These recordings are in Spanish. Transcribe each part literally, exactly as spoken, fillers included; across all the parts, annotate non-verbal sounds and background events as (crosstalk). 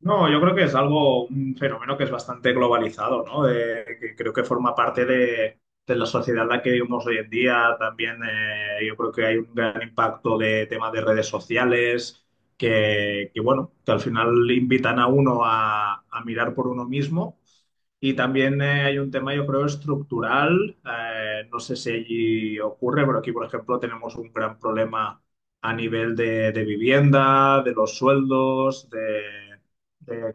No, yo creo que es algo, un fenómeno que es bastante globalizado, ¿no? De- que creo que forma parte de, de la sociedad en la que vivimos hoy en día. También eh, yo creo que hay un gran impacto de temas de redes sociales, que, que, bueno, que al final invitan a uno a, a mirar por uno mismo y también eh, hay un tema, yo creo, estructural. Eh, no sé si allí ocurre, pero aquí, por ejemplo, tenemos un gran problema a nivel de, de vivienda, de los sueldos, de... de-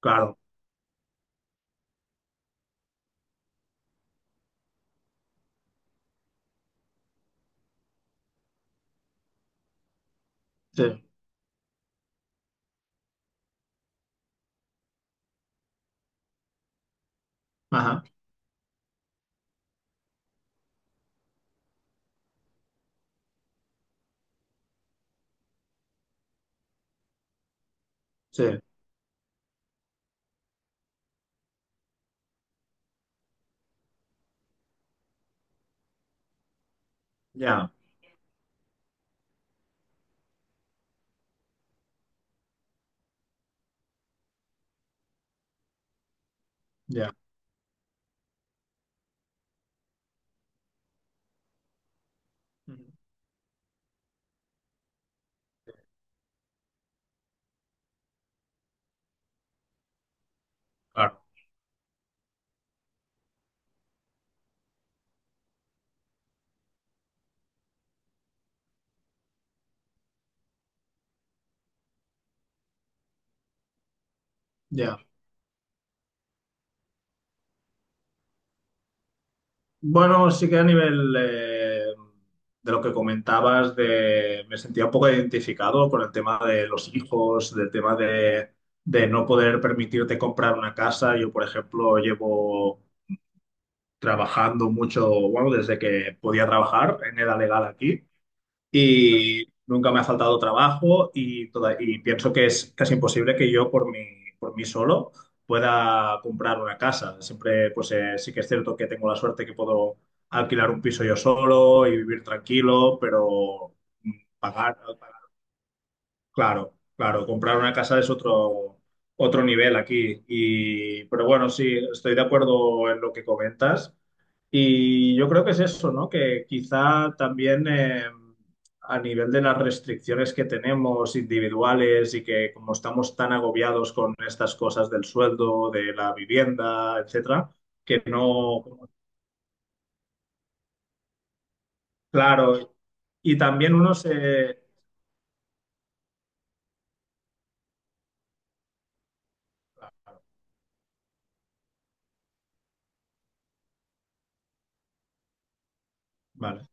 claro, sí, ajá, sí, ya, ya, ujú, claro, ya. Bueno, sí que a nivel eh, de lo que comentabas, de, me sentía un poco identificado con el tema de los hijos, del tema de, de no poder permitirte comprar una casa. Yo, por ejemplo, llevo trabajando mucho, bueno, desde que podía trabajar en edad legal aquí y nunca me ha faltado trabajo y, toda- y pienso que es casi imposible que yo por mí, por mí solo pueda comprar una casa. Siempre, pues eh, sí que es cierto que tengo la suerte que puedo alquilar un piso yo solo y vivir tranquilo, pero mm, pagar, claro, claro, comprar una casa es otro... otro nivel aquí y pero bueno, sí, estoy de acuerdo en lo que comentas. Y yo creo que es eso, ¿no? Que quizá también eh, a nivel de las restricciones que tenemos individuales y que como estamos tan agobiados con estas cosas del sueldo, de la vivienda, etcétera, que no, claro, y también uno se... Vale,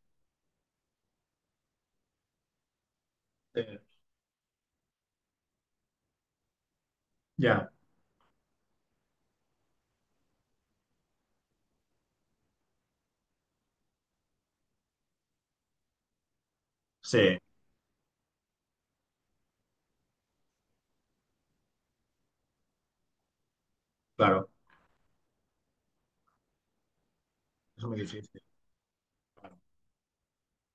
eh, ya, sí, claro, es muy difícil. Vale.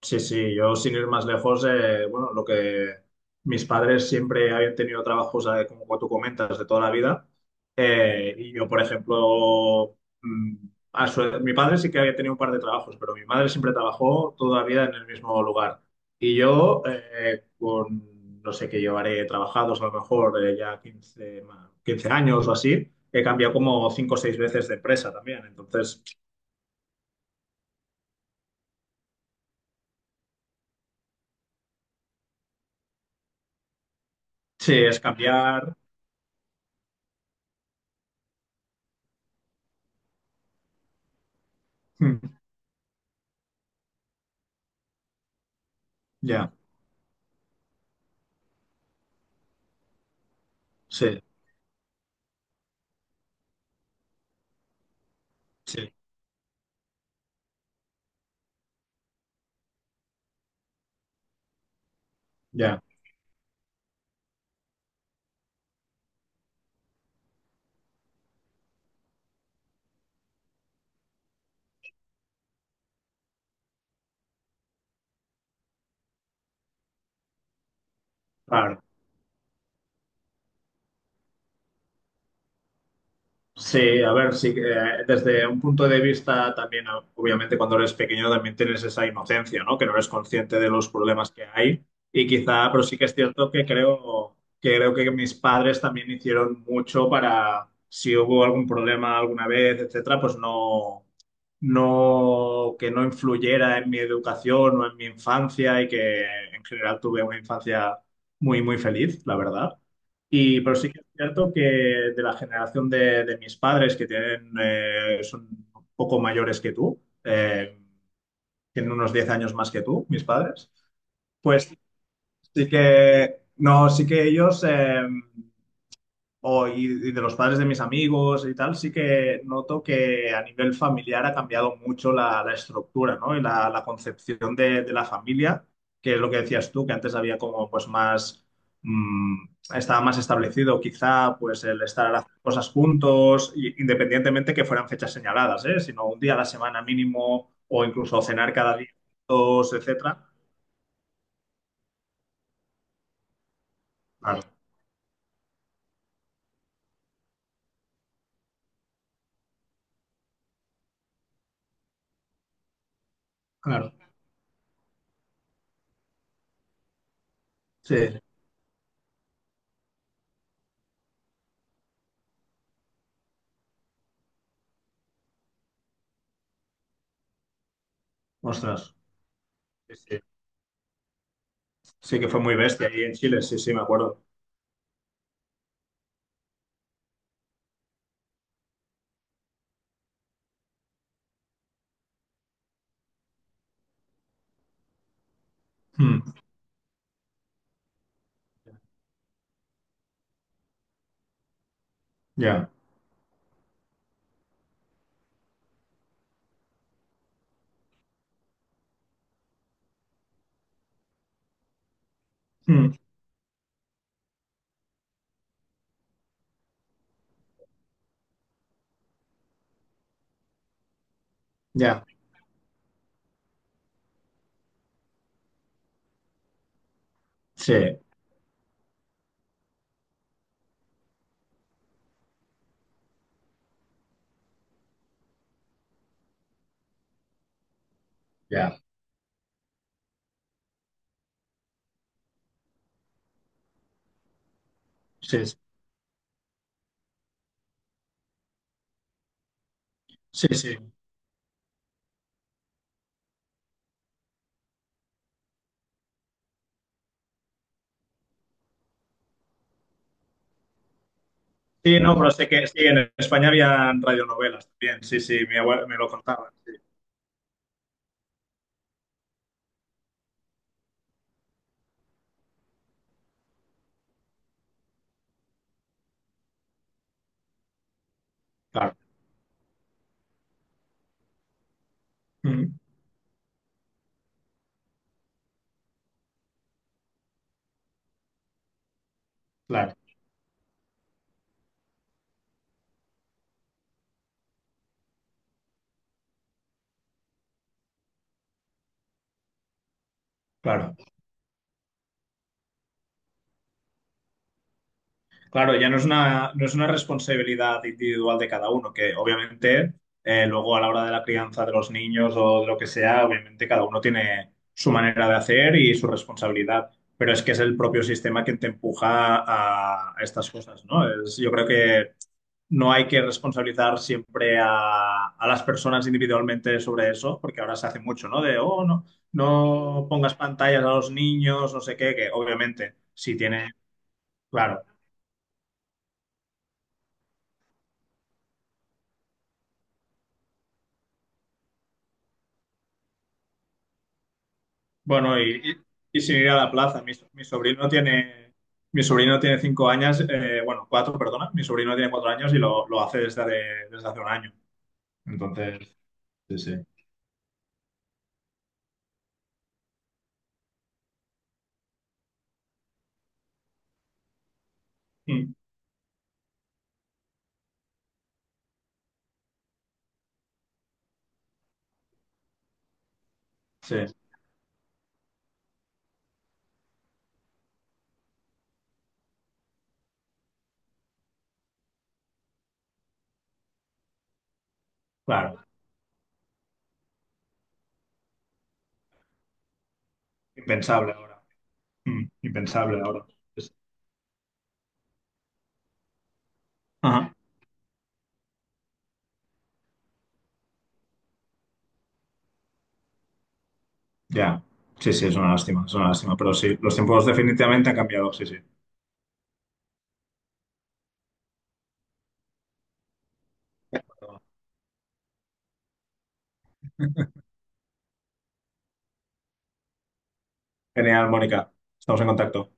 Sí, sí, yo sin ir más lejos, eh, bueno, lo que mis padres siempre habían tenido trabajos, eh, como tú comentas, de toda la vida. Eh, y yo, por ejemplo, mm, a su- mi padre sí que había tenido un par de trabajos, pero mi madre siempre trabajó toda la vida en el mismo lugar. Y yo, eh, con, no sé qué llevaré trabajados, a lo mejor eh, ya quince ma- quince años o así, he cambiado como cinco o seis veces de empresa también. Entonces, sí, es cambiar. (laughs) Ya, sí. Sí, ya, claro. Sí, a ver, sí, que, eh, desde un punto de vista también, ah, obviamente cuando eres pequeño también tienes esa inocencia, ¿no? Que no eres consciente de los problemas que hay y quizá, pero sí que es cierto que creo que creo que mis padres también hicieron mucho para si hubo algún problema alguna vez, etcétera, pues no. No, que no influyera en mi educación o en mi infancia y que en general tuve una infancia muy, muy feliz, la verdad. Y, pero sí que es cierto que de la generación de, de mis padres, que tienen, eh, son un poco mayores que tú, eh, tienen unos diez años más que tú, mis padres, pues sí que, no, sí que ellos... em, o, y, y de los padres de mis amigos y tal, sí que noto que a nivel familiar ha cambiado mucho la, la estructura, ¿no? Y la, la concepción de, de la familia, que es lo que decías tú, que antes había como pues más, mm, estaba más establecido quizá pues el estar haciendo cosas juntos, y- independientemente que fueran fechas señaladas, ¿eh? Sino un día a la semana mínimo o incluso cenar cada día juntos, etcétera. Claro, claro. Sí, ostras. Sí, sí. Sí que fue muy bestia ahí en Chile, sí, sí, me acuerdo. Mm, ya, mm, ya, sí, ya, sí, sí, sí. Sí, sí, no, pero sé que sí, en España había radionovelas también, sí, sí, mi abuela me lo contaba, sí, claro, mm, claro, claro, claro, ya no es una, no es una responsabilidad individual de cada uno, que obviamente eh, luego a la hora de la crianza de los niños o de lo que sea, obviamente cada uno tiene su manera de hacer y su responsabilidad, pero es que es el propio sistema quien te empuja a a estas cosas, ¿no? Es, yo creo que no hay que responsabilizar siempre a, a las personas individualmente sobre eso, porque ahora se hace mucho, ¿no? De, oh, no, no pongas pantallas a los niños, no sé qué, que obviamente, si tiene, claro, bueno, y, y- y sin ir a la plaza, mi, so- mi sobrino tiene, mi sobrino tiene cinco años, eh, bueno, cuatro, perdona, mi sobrino tiene cuatro años y lo, lo hace desde, hace- desde hace un año. Entonces, sí, sí. Mm, sí, claro, impensable ahora. Mm, impensable ahora. Ajá. Ya, sí, sí, es una lástima, es una lástima, pero sí, los tiempos definitivamente han cambiado, sí, sí. Genial, Mónica, estamos en contacto.